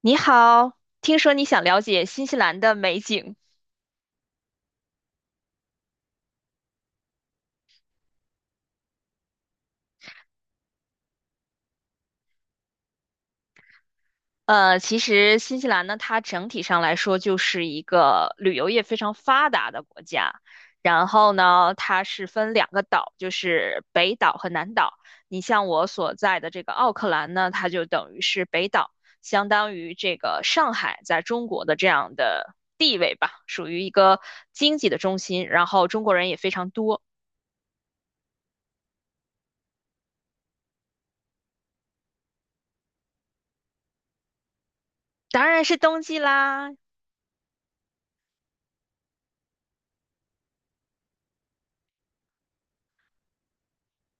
你好，听说你想了解新西兰的美景。其实新西兰呢，它整体上来说就是一个旅游业非常发达的国家。然后呢，它是分两个岛，就是北岛和南岛。你像我所在的这个奥克兰呢，它就等于是北岛，相当于这个上海在中国的这样的地位吧，属于一个经济的中心。然后中国人也非常多，当然是冬季啦。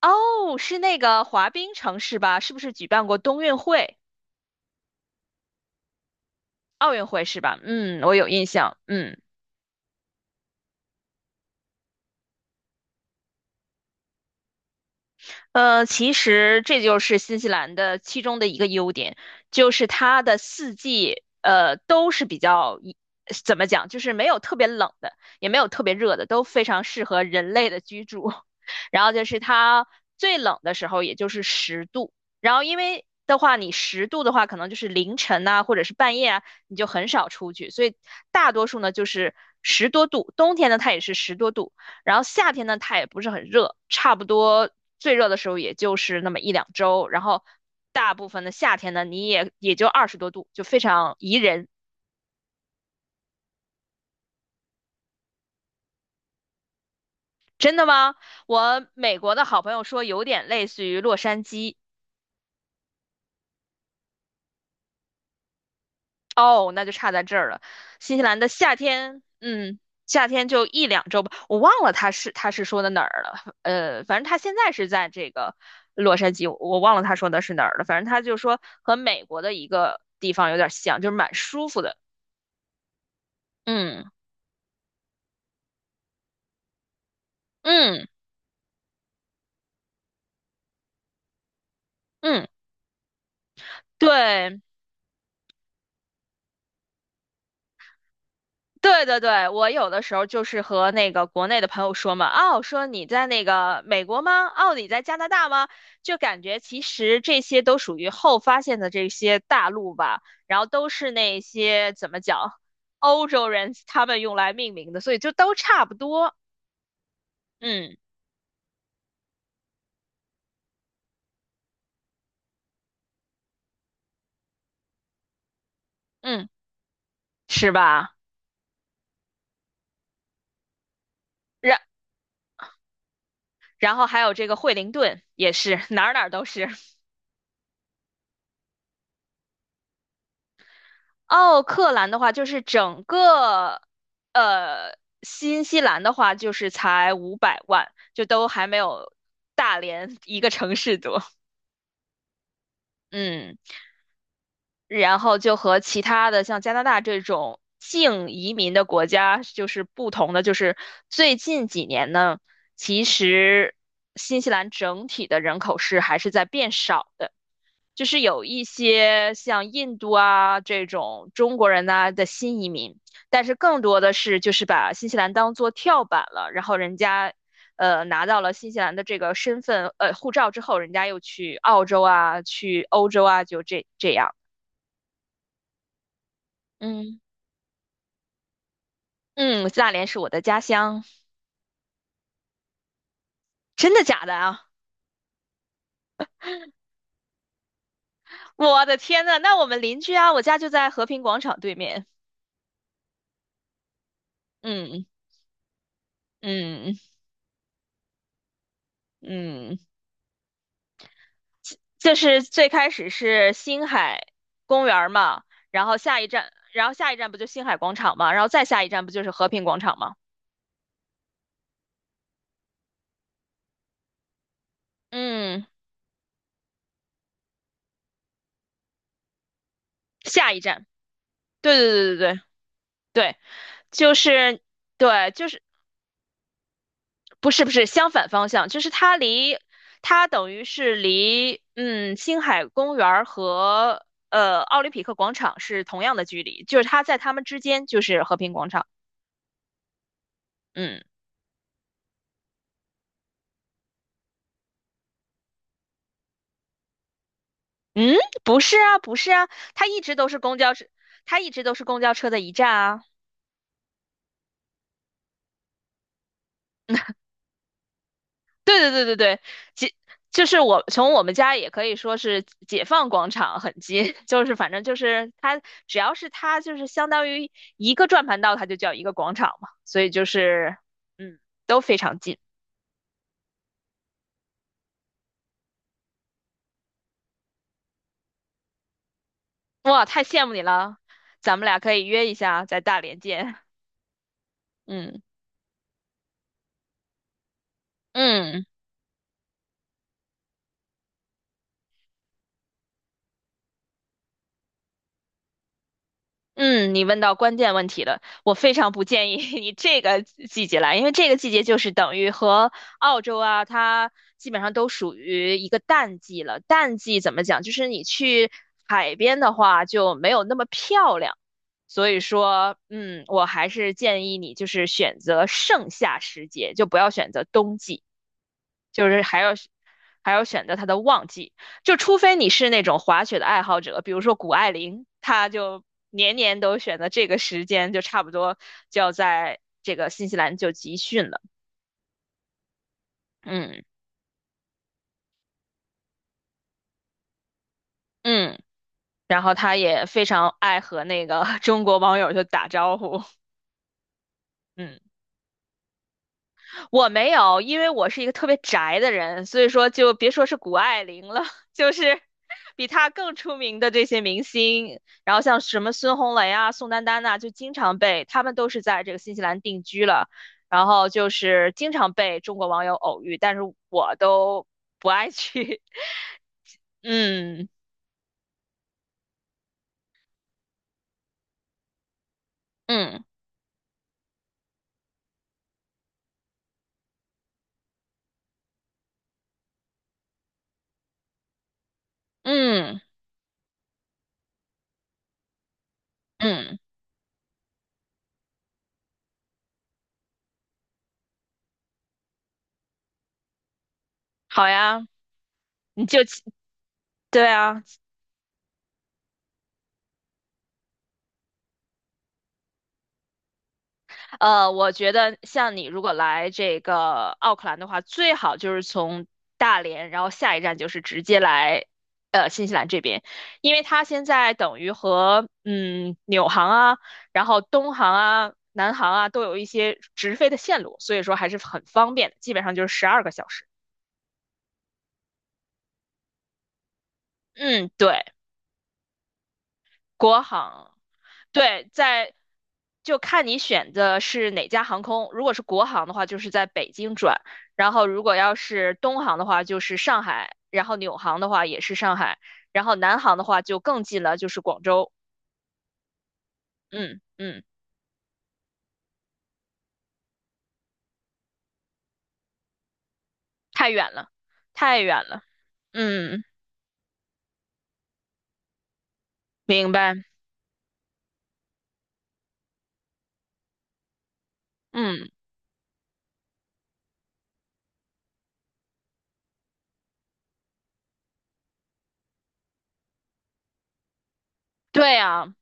哦，是那个滑冰城市吧？是不是举办过冬运会、奥运会是吧？嗯，我有印象。嗯。其实这就是新西兰的其中的一个优点，就是它的四季都是比较怎么讲，就是没有特别冷的，也没有特别热的，都非常适合人类的居住。然后就是它最冷的时候，也就是十度。然后因为的话，你十度的话，可能就是凌晨呐、或者是半夜啊，你就很少出去。所以大多数呢就是十多度，冬天呢它也是十多度，然后夏天呢，它也不是很热，差不多最热的时候也就是那么一两周。然后大部分的夏天呢，你也就20多度，就非常宜人。真的吗？我美国的好朋友说有点类似于洛杉矶，哦，那就差在这儿了。新西兰的夏天，嗯，夏天就一两周吧，我忘了他是说的哪儿了。反正他现在是在这个洛杉矶，我忘了他说的是哪儿了。反正他就说和美国的一个地方有点像，就是蛮舒服的。嗯嗯嗯，对，对对对，我有的时候就是和那个国内的朋友说嘛，哦，说你在那个美国吗？哦，你在加拿大吗？就感觉其实这些都属于后发现的这些大陆吧，然后都是那些怎么讲，欧洲人他们用来命名的，所以就都差不多。嗯嗯，是吧？然然后还有这个惠灵顿也是哪儿哪儿都是。奥克兰的话，就是整个呃新西兰的话，就是才500万，就都还没有大连一个城市多。嗯，然后就和其他的像加拿大这种净移民的国家就是不同的，就是最近几年呢，其实新西兰整体的人口是还是在变少的。就是有一些像印度啊这种中国人呐、的新移民，但是更多的是就是把新西兰当做跳板了，然后人家拿到了新西兰的这个身份护照之后，人家又去澳洲啊，去欧洲啊，就这样。嗯嗯，大连是我的家乡，真的假的啊？我的天呐，那我们邻居啊，我家就在和平广场对面。嗯嗯嗯。就是最开始是星海公园儿嘛，然后下一站，然后下一站不就星海广场嘛，然后再下一站不就是和平广场嘛？嗯，下一站，对对对对对对，就是对，就是不是不是相反方向，就是它离它等于是离星海公园儿和奥林匹克广场是同样的距离，就是它在它们之间就是和平广场，嗯。嗯，不是啊，不是啊，它一直都是公交车，它一直都是公交车的一站啊。对对对对对，解就是我从我们家也可以说是解放广场很近，就是反正就是它只要是它就是相当于一个转盘道，它就叫一个广场嘛，所以就是嗯都非常近。哇，太羡慕你了，咱们俩可以约一下在大连见。嗯嗯。嗯，你问到关键问题了。我非常不建议 你这个季节来，因为这个季节就是等于和澳洲啊，它基本上都属于一个淡季了。淡季怎么讲？就是你去海边的话就没有那么漂亮。所以说，嗯，我还是建议你就是选择盛夏时节，就不要选择冬季。就是还要选择它的旺季，就除非你是那种滑雪的爱好者，比如说谷爱凌，她就年年都选择这个时间，就差不多就要在这个新西兰就集训了。嗯嗯，然后她也非常爱和那个 中国网友就打招呼，嗯。我没有，因为我是一个特别宅的人，所以说就别说是谷爱凌了，就是比她更出名的这些明星，然后像什么孙红雷啊、宋丹丹呐、就经常被他们都是在这个新西兰定居了，然后就是经常被中国网友偶遇，但是我都不爱去。嗯嗯嗯嗯，好呀，你就对啊。我觉得像你如果来这个奥克兰的话，最好就是从大连，然后下一站就是直接来新西兰这边，因为它现在等于和纽航啊，然后东航啊、南航啊都有一些直飞的线路，所以说还是很方便的，基本上就是12个小时。嗯，对，国航。对，在就看你选的是哪家航空。如果是国航的话，就是在北京转；然后如果要是东航的话，就是上海；然后纽航的话也是上海；然后南航的话就更近了，就是广州。嗯嗯，太远了，太远了。嗯，明白。嗯，对呀。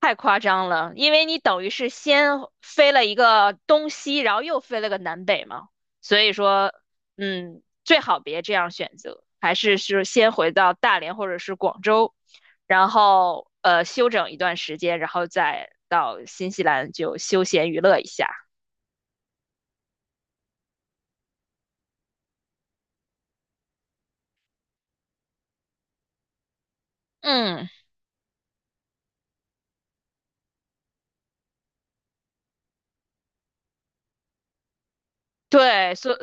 太夸张了，因为你等于是先飞了一个东西，然后又飞了个南北嘛，所以说，嗯，最好别这样选择，还是先回到大连或者是广州，然后休整一段时间，然后再到新西兰就休闲娱乐一下。嗯，对，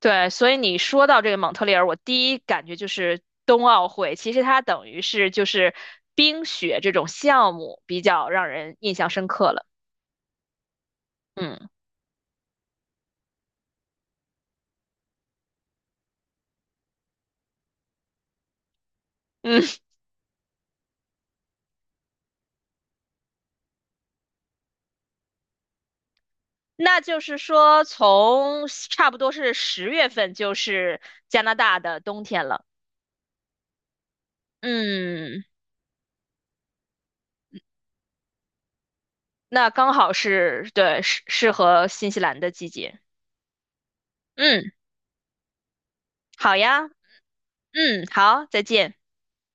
对，所以你说到这个蒙特利尔，我第一感觉就是冬奥会，其实它等于是就是冰雪这种项目比较让人印象深刻了。嗯嗯，那就是说，从差不多是10月份，就是加拿大的冬天了。嗯，那刚好是对适合新西兰的季节。嗯，好呀。嗯，好，再见。